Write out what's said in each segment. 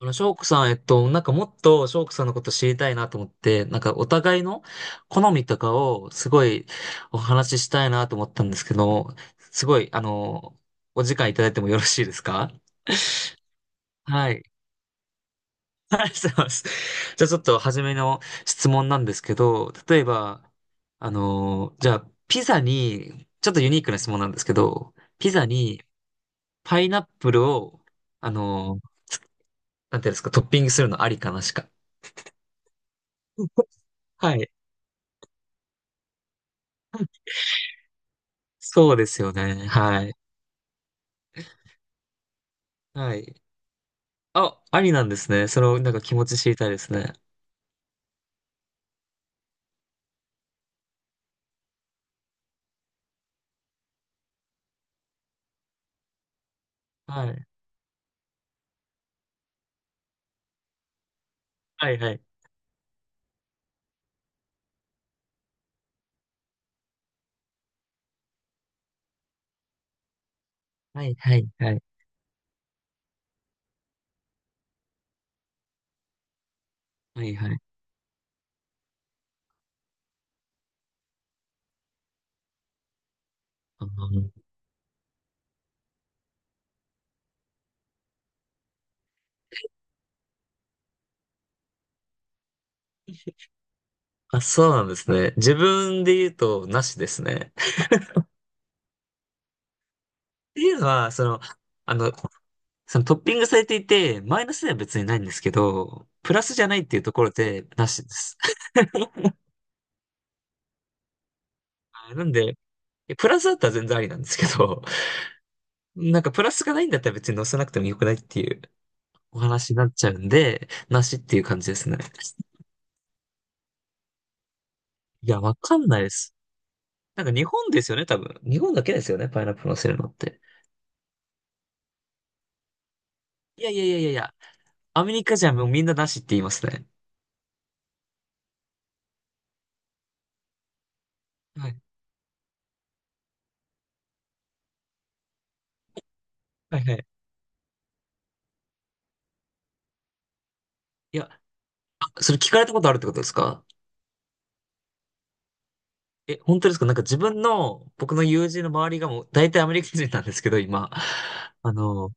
翔子さん、なんかもっと翔子さんのこと知りたいなと思って、なんかお互いの好みとかをすごいお話ししたいなと思ったんですけど、すごい、お時間いただいてもよろしいですか？はい。ありがとうございます。じゃあちょっと初めの質問なんですけど、例えば、じゃあピザに、ちょっとユニークな質問なんですけど、ピザにパイナップルを、あの、なんていうんですか、トッピングするのありかなしか。はい。そうですよね。はい。はい。あ、ありなんですね。その、なんか気持ち知りたいですね。はい。はいはい。はいはいはい。はいはい。あのあ、そうなんですね。自分で言うと、なしですね。っていうのは、その、あの、そのトッピングされていて、マイナスでは別にないんですけど、プラスじゃないっていうところで、なしです。あなんで、プラスだったら全然ありなんですけど、なんかプラスがないんだったら別に載せなくてもよくないっていうお話になっちゃうんで、なしっていう感じですね。いや、わかんないです。なんか日本ですよね、多分。日本だけですよね、パイナップルのせるのって。いやいやいやいやいや、アメリカじゃもうみんななしって言いますね。はい。はいはい。いや、あ、それ聞かれたことあるってことですか？え、本当ですか？なんか自分の、僕の友人の周りがもう大体アメリカ人なんですけど、今。あの、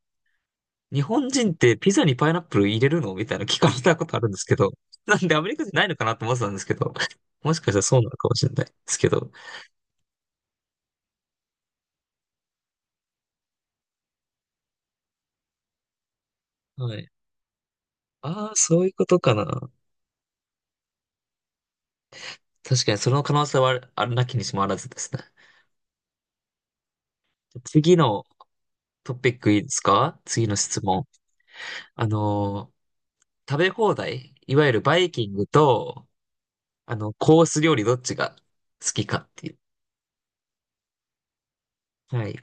日本人ってピザにパイナップル入れるのみたいな聞かれたことあるんですけど。なんでアメリカ人ないのかなと思ってたんですけど。もしかしたらそうなのかもしれないですけど。はい。ああ、そういうことかな。確かにその可能性はあるなきにしもあらずですね。次のトピックいいですか？次の質問。あの食べ放題、いわゆるバイキングと、コース料理どっちが好きかっていう。はい。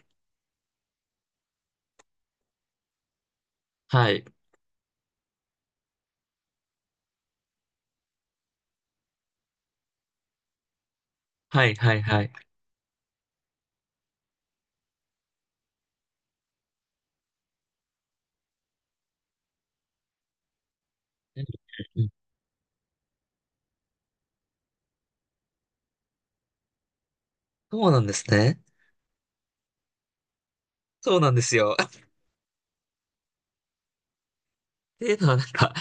はい。はい、はい、はい。うん、そうなんですね。そうなんですよ。っていうのはなんか、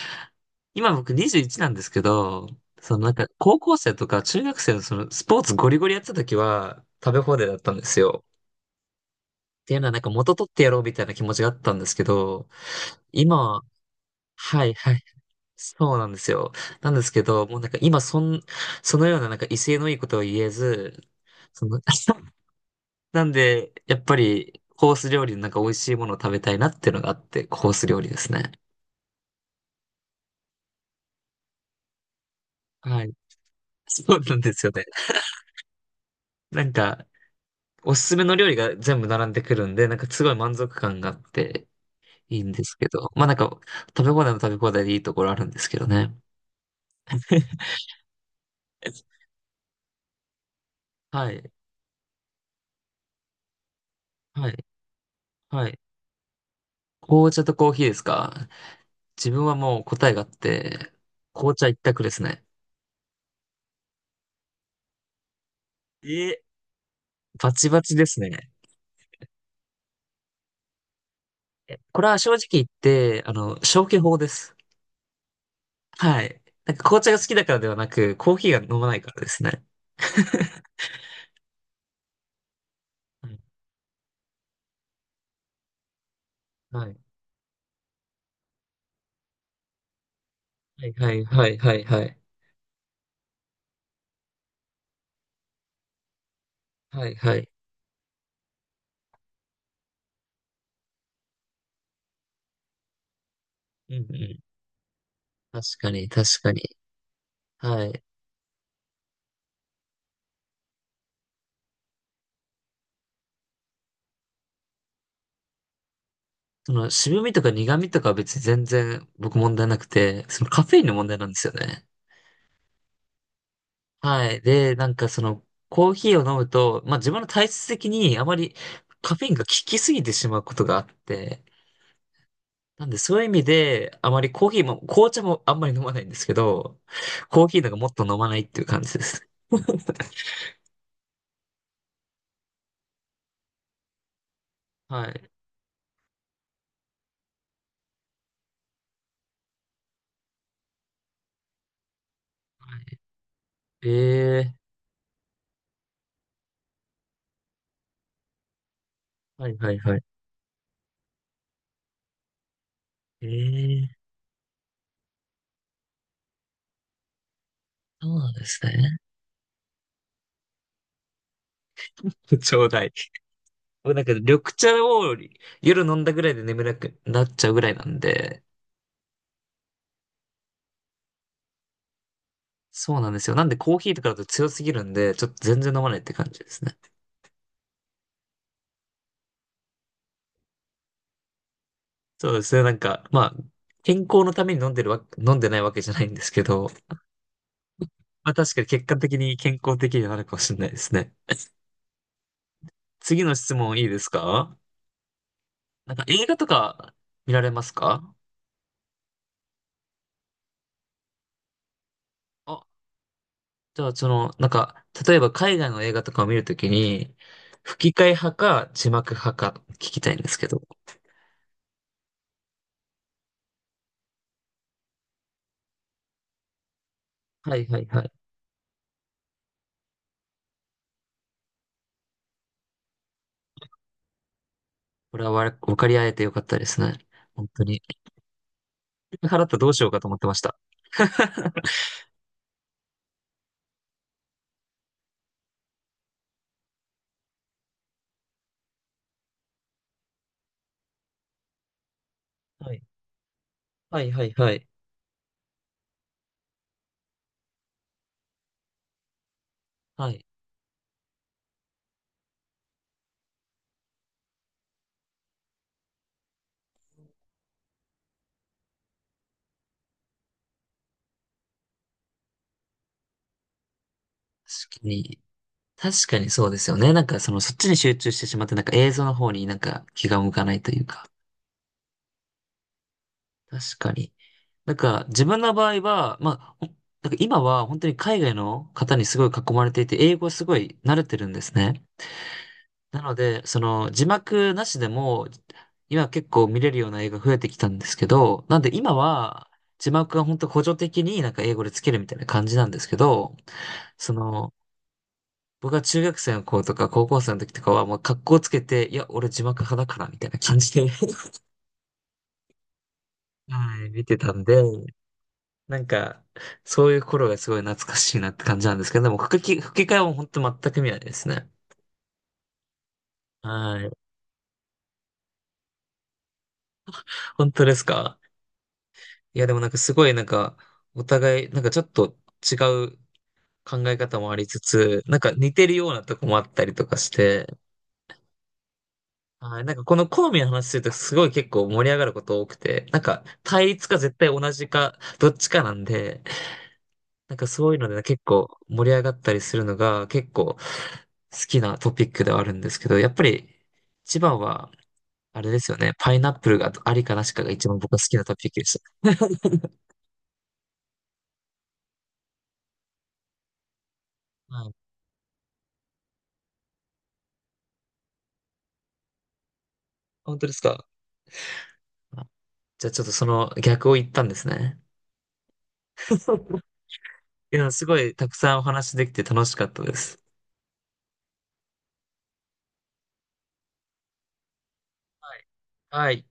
今僕21なんですけど、そのなんか、高校生とか中学生のそのスポーツゴリゴリやってた時は、食べ放題だったんですよ。っていうのはなんか元取ってやろうみたいな気持ちがあったんですけど、今は、はいはい、そうなんですよ。なんですけど、もうなんか今そのようななんか威勢のいいことは言えず、その、なんで、やっぱりコース料理のなんか美味しいものを食べたいなっていうのがあって、コース料理ですね。はい。そうなんですよね。なんか、おすすめの料理が全部並んでくるんで、なんかすごい満足感があっていいんですけど、まあなんか、食べ放題でいいところあるんですけどね。はい。はい。はい。紅茶とコーヒーですか？自分はもう答えがあって、紅茶一択ですね。え、バチバチですね。これは正直言って、消去法です。はい。なんか紅茶が好きだからではなく、コーヒーが飲まないからですね。はい。はい。はい。はい。はい。はい。はい。うんうん。確かに、確かに。はい。渋みとか苦みとかは別に全然僕問題なくて、そのカフェインの問題なんですよね。はい。で、なんかコーヒーを飲むと、まあ自分の体質的にあまりカフェインが効きすぎてしまうことがあって、なんでそういう意味で、あまりコーヒーも、紅茶もあんまり飲まないんですけど、コーヒーなんかもっと飲まないっていう感じです。はい。ええー、はいはいはい。ええー、そうなんですね。ちょうだい。僕なんか緑茶を夜飲んだぐらいで眠れなくなっちゃうぐらいなんで、そうなんですよ。なんでコーヒーとかだと強すぎるんで、ちょっと全然飲まないって感じですね。そうですね。なんか、まあ、健康のために飲んでないわけじゃないんですけど、まあ確かに結果的に健康的にはなるかもしれないですね。次の質問いいですか？なんか映画とか見られますか？あ、じゃあなんか、例えば海外の映画とかを見るときに、吹き替え派か字幕派か聞きたいんですけど。はいはいはい。これは分かり合えてよかったですね。本当に。払ったらどうしようかと思ってました。はい。はいはいはい。はい。確かに。確かにそうですよね。なんかそっちに集中してしまって、なんか映像の方になんか気が向かないというか。確かに。なんか自分の場合は、まあ、なんか今は本当に海外の方にすごい囲まれていて、英語すごい慣れてるんですね。なので、その字幕なしでも、今結構見れるような映画増えてきたんですけど、なんで今は字幕が本当補助的になんか英語でつけるみたいな感じなんですけど、その、僕は中学生の子とか高校生の時とかは、もう格好つけて、いや、俺字幕派だから、みたいな感じで はい、見てたんで、なんか、そういう頃がすごい懐かしいなって感じなんですけど、でも吹き替えも本当全く見ないですね。はい。本当ですか？いや、でもなんかすごいなんか、お互い、なんかちょっと違う考え方もありつつ、なんか似てるようなとこもあったりとかして、はい。なんかこの好みの話するとすごい結構盛り上がること多くて、なんか対立か絶対同じかどっちかなんで、なんかそういうので結構盛り上がったりするのが結構好きなトピックではあるんですけど、やっぱり一番はあれですよね、パイナップルがありかなしかが一番僕は好きなトピックでした。はい。本当ですか？じゃあちょっとその逆を言ったんですね。いや、すごいたくさんお話できて楽しかったです。はい。はい。